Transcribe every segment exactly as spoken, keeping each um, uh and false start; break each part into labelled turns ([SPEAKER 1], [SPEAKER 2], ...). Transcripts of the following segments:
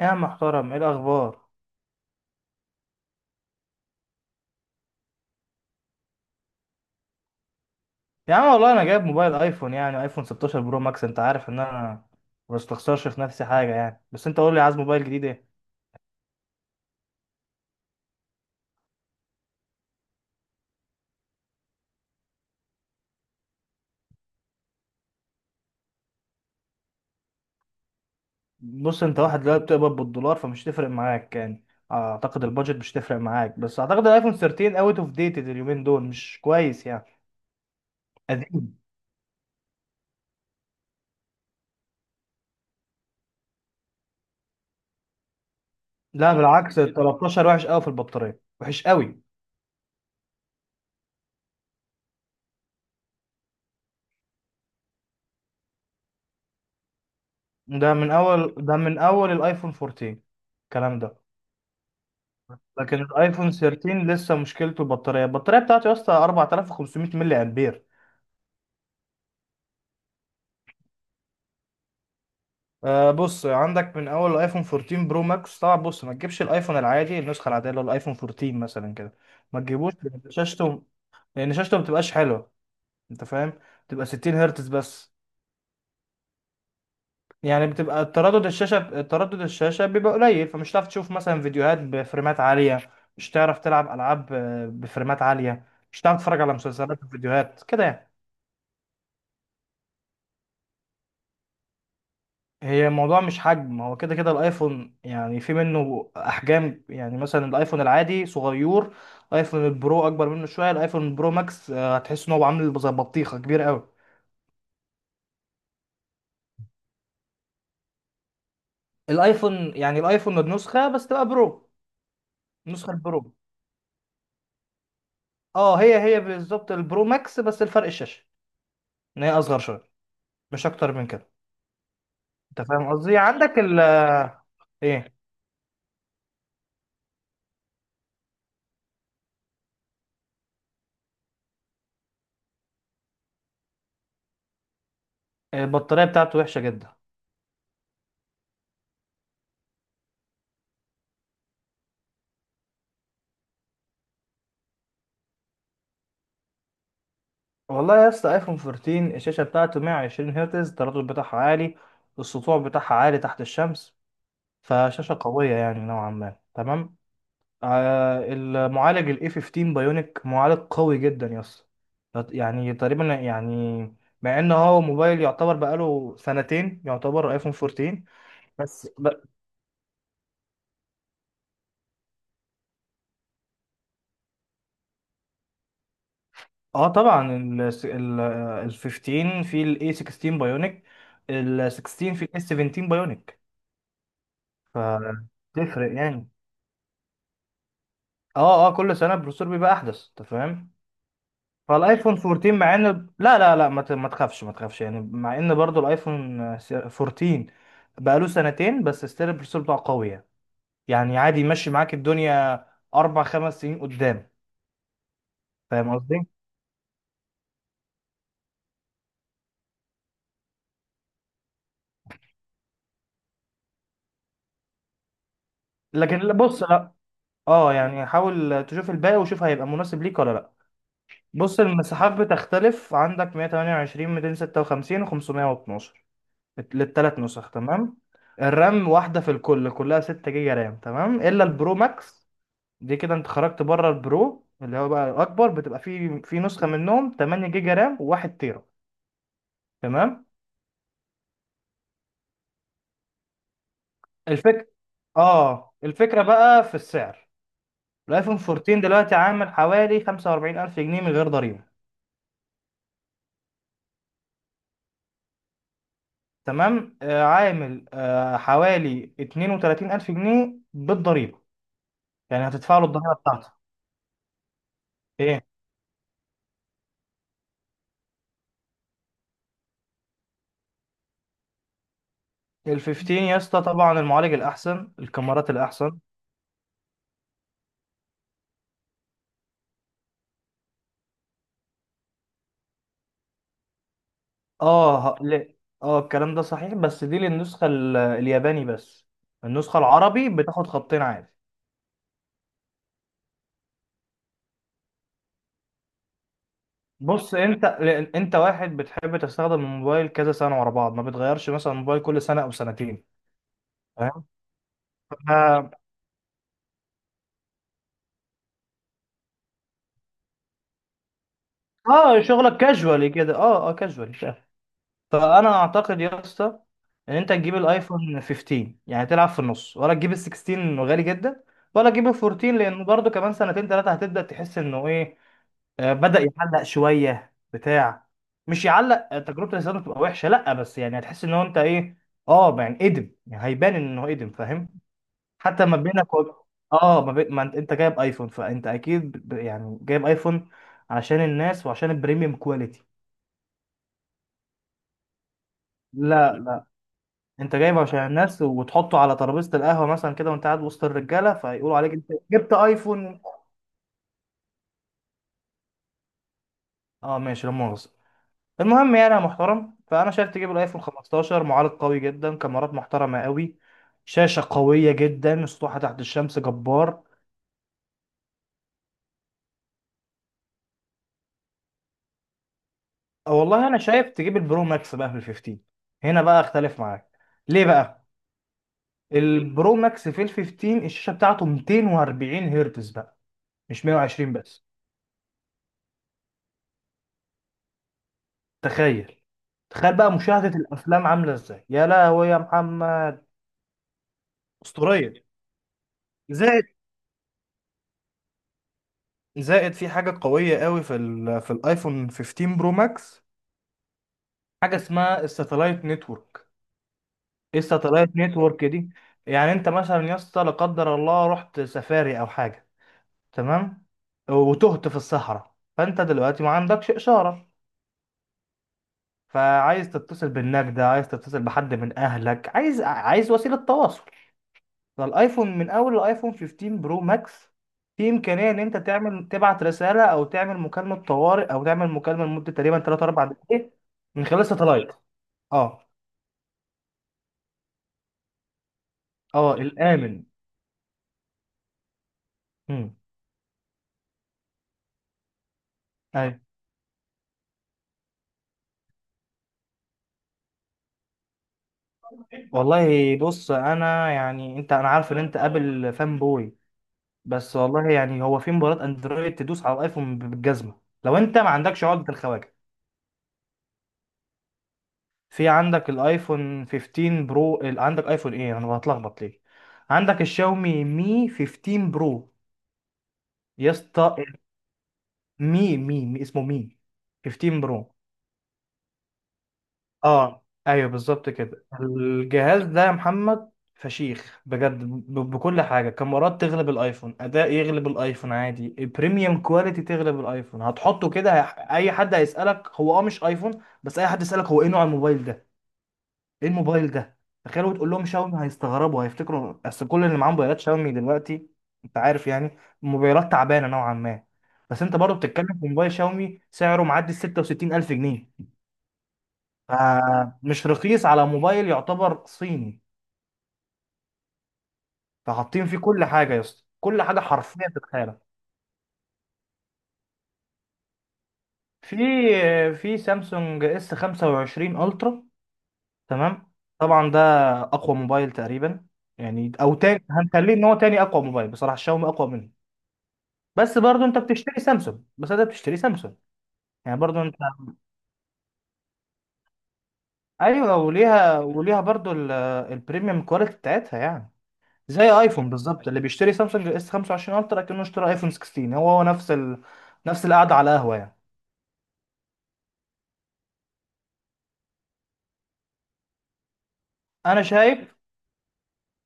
[SPEAKER 1] يا عم محترم، ايه الاخبار؟ يا عم والله انا جايب موبايل ايفون، يعني ايفون ستاشر برو ماكس. انت عارف ان انا ما بستخسرش في نفسي حاجه يعني، بس انت قول لي عايز موبايل جديد ايه؟ بص، انت واحد دلوقتي بتقبض بالدولار فمش تفرق معاك يعني، اعتقد البادجت مش تفرق معاك، بس اعتقد الايفون تلتاشر اوت اوف ديتد، اليومين دول مش كويس يعني. قديم. لا بالعكس، ال ثلاثة عشر وحش قوي في البطاريه، وحش قوي. ده من اول ده من اول الايفون اربعتاشر. الكلام ده. لكن الايفون تلتاشر لسه مشكلته البطاريه البطاريه بتاعتي يا اسطى اربعة الاف وخمسميه ملي امبير. آه بص، عندك من اول الايفون اربعتاشر برو ماكس طبعا. بص، ما تجيبش الايفون العادي، النسخه العاديه اللي هو الايفون اربعتاشر مثلا كده. ما تجيبوش لأن شاشته لان شاشته ما بتبقاش حلوه. انت فاهم؟ بتبقى ستين هرتز بس. يعني بتبقى تردد الشاشه تردد الشاشه بيبقى قليل، فمش هتعرف تشوف مثلا فيديوهات بفريمات عاليه. مش هتعرف تلعب العاب آه، بفريمات عاليه. مش هتعرف تتفرج على مسلسلات وفيديوهات كده يعني. هي الموضوع مش حجم، هو كده كده الايفون يعني في منه احجام. يعني مثلا الايفون العادي صغير، الايفون البرو اكبر منه شويه، الايفون البرو ماكس آه، هتحس ان هو عامل زي بطيخه كبير قوي. الايفون يعني الايفون النسخه بس تبقى برو. النسخه البرو. اه هي هي بالظبط البرو ماكس، بس الفرق الشاشه، ان هي اصغر شويه، مش اكتر من كده. انت فاهم قصدي؟ عندك ال آه، ايه، البطاريه بتاعته وحشه جدا. والله يا اسطى ايفون اربعة عشر الشاشه بتاعته ميه وعشرين هرتز، التردد بتاعها عالي، السطوع بتاعها عالي تحت الشمس، فشاشه قويه يعني نوعا ما. تمام. آه المعالج الاي خمستاشر بايونيك معالج قوي جدا يا اسطى. يط- يعني تقريبا يعني، مع ان هو موبايل يعتبر بقاله سنتين، يعتبر ايفون اربعتاشر. بس ب... اه طبعا ال ال ال خمستاشر في الاي ستاشر بايونيك، ال ستاشر في الاس سبعتاشر بايونيك، فتفرق يعني. اه اه كل سنه البروسيسور بيبقى احدث، انت فاهم؟ فالايفون اربعتاشر مع ان، لا لا لا، ما ت- ما تخافش ما تخافش يعني، مع ان برضو الايفون آه، س- اربعتاشر بقاله سنتين، بس ستيل البروسيسور بتاعه قوي يعني. يعني عادي يمشي معاك الدنيا اربع خمس سنين قدام. فاهم قصدي؟ لكن لا، بص، لا. اه يعني حاول تشوف الباقي وشوف هيبقى مناسب ليك ولا لا. بص، المساحات بتختلف، عندك ميه تمنية وعشرين، ميتين ستة وخمسين، و512 للثلاث نسخ. تمام. الرام واحدة في الكل، كلها ستة جيجا رام تمام، إلا البرو ماكس، دي كده أنت خرجت بره. البرو اللي هو بقى الأكبر بتبقى في في نسخة منهم ثمانية جيجا رام و1 تيرا. تمام. الفكرة، آه الفكرة بقى في السعر. الآيفون اربعتاشر دلوقتي عامل حوالي خمسة واربعين الف جنيه من غير ضريبة. تمام، آه عامل آه حوالي اتنين وتلاتين الف جنيه بالضريبة، يعني هتدفع له الضريبة بتاعته. إيه؟ ال خمستاشر يا اسطى طبعا المعالج الاحسن، الكاميرات الاحسن. اه ه- لا، اه الكلام ده صحيح، بس دي للنسخه ال- الياباني بس، النسخه العربي بتاخد خطين عادي. بص انت، لأن انت واحد بتحب تستخدم الموبايل كذا سنه ورا بعض، ما بتغيرش مثلا الموبايل كل سنه او سنتين. فاهم. ف- اه شغلك كاجوالي كده، اه اه كاجوالي. فانا اعتقد يا اسطى ان انت تجيب الايفون خمستاشر، يعني تلعب في النص، ولا تجيب ال ستاشر انه غالي جدا، ولا تجيب ال اربعتاشر لانه برضه كمان سنتين ثلاثه هتبدا تحس انه ايه، آه، بدا يعلق شويه بتاع. مش يعلق، آه، تجربه الاستخدام تبقى وحشه، لا، بس يعني هتحس ان هو انت ايه. اه يعني قدم، يعني هيبان انه قدم، فاهم؟ حتى ما بينك وب... اه ما, بي... ما انت أنت جايب ايفون، فانت اكيد ب- يعني جايب ايفون عشان الناس وعشان البريميوم كواليتي. لا، انت جايبه عشان الناس، وتحطه على ترابيزه القهوه مثلا كده، وانت قاعد وسط الرجاله، فيقولوا عليك انت جبت ايفون. اه ماشي لا مؤاخذه. المهم يعني يا محترم، فانا شايف تجيب الايفون خمستاشر، معالج قوي جدا، كاميرات محترمه قوي، شاشه قويه جدا، سطوحه تحت الشمس جبار. اه والله انا شايف تجيب البرو ماكس بقى في ال خمستاشر. هنا بقى اختلف معاك. ليه بقى؟ البرو ماكس في ال خمسة عشر الشاشه بتاعته ميتين واربعين هرتز بقى، مش ميه وعشرين بس. تخيل، تخيل بقى مشاهدة الأفلام عاملة إزاي يا لهوي يا محمد. أسطورية. زائد، زائد في حاجة قوية قوي في ال في الآيفون خمستاشر برو ماكس، حاجة اسمها الساتلايت نتورك. إيه الساتلايت نتورك دي؟ يعني أنت مثلا يا اسطى، لا قدر الله، رحت سفاري أو حاجة، تمام، وتهت في الصحراء، فأنت دلوقتي ما عندكش إشارة، فعايز تتصل بالنجدة، عايز تتصل بحد من أهلك، عايز عايز وسيلة تواصل. فالايفون من اول الايفون خمستاشر برو ماكس، في امكانيه ان انت تعمل تبعت رساله، او تعمل مكالمه طوارئ، او تعمل مكالمه لمده تقريبا ثلاثة اربعة دقائق من خلال ساتلايت. اه. اه الامن. امم. اي. والله بص، انا يعني انت، انا عارف ان انت ابل فان بوي، بس والله يعني هو في مباراه اندرويد تدوس على الايفون بالجزمه، لو انت ما عندكش عقده الخواجه. في عندك الايفون خمستاشر برو، ال- عندك ايفون ايه، انا بتلخبط ليه. عندك الشاومي مي خمستاشر برو يا اسطى. مي مي مي، اسمه مي خمستاشر برو. اه ايوه بالظبط كده. الجهاز ده يا محمد فشيخ بجد، ب- بكل حاجه، كاميرات تغلب الايفون، اداء يغلب الايفون عادي، البريميوم كواليتي تغلب الايفون. هتحطه كده هي- اي حد هيسالك هو اه مش ايفون. بس اي حد يسالك هو ايه نوع الموبايل ده، ايه الموبايل ده، تخيلوا تقول لهم شاومي، هيستغربوا، هيفتكروا، اصل كل اللي معاه موبايلات شاومي دلوقتي، انت عارف، يعني موبايلات تعبانه نوعا ما، بس انت برضه بتتكلم في موبايل شاومي سعره معدي ال ستة وستين الف جنيه، فمش رخيص على موبايل يعتبر صيني. فحاطين فيه كل حاجه يا اسطى، كل حاجه حرفيا تتخيلها. في في سامسونج اس خمسة وعشرين الترا. تمام. طبعا ده اقوى موبايل تقريبا، يعني او تاني، هنخليه ان هو تاني اقوى موبايل، بصراحه الشاومي اقوى منه. بس برضو انت بتشتري سامسونج، بس انت بتشتري سامسونج، يعني برضو انت، ايوه، وليها وليها برضو ال- البريميوم كواليتي بتاعتها يعني، زي ايفون بالظبط. اللي بيشتري سامسونج اس خمسة وعشرين الترا كأنه اشترى ايفون ستاشر، هو هو نفس ال... نفس القعده على قهوه يعني. انا شايف.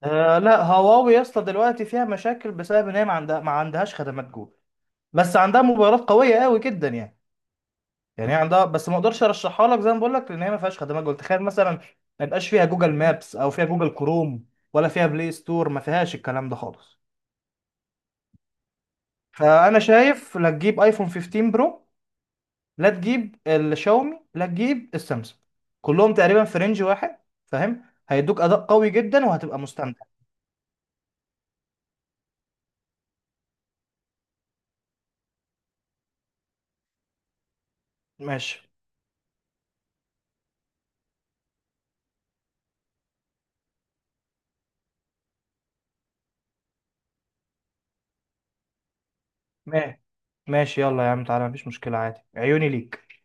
[SPEAKER 1] آه لا، هواوي يا اسطى دلوقتي فيها مشاكل بسبب ان هي ما عندها ما عندهاش خدمات جوجل، بس عندها موبايلات قويه قوي جدا يعني. يعني هي عندها، بس ما اقدرش ارشحها لك، زي ما بقول لك، لان هي ما فيهاش خدمات جوجل. تخيل مثلا ما يبقاش فيها جوجل مابس، او فيها جوجل كروم، ولا فيها بلاي ستور، ما فيهاش الكلام ده خالص. فانا شايف لا تجيب ايفون خمستاشر برو، لا تجيب الشاومي، لا تجيب السامسونج، كلهم تقريبا في رينج واحد، فاهم؟ هيدوك اداء قوي جدا وهتبقى مستمتع. ماشي. ماشي ماشي، يلا يا عم تعالى، مفيش مشكلة عادي، عيوني ليك.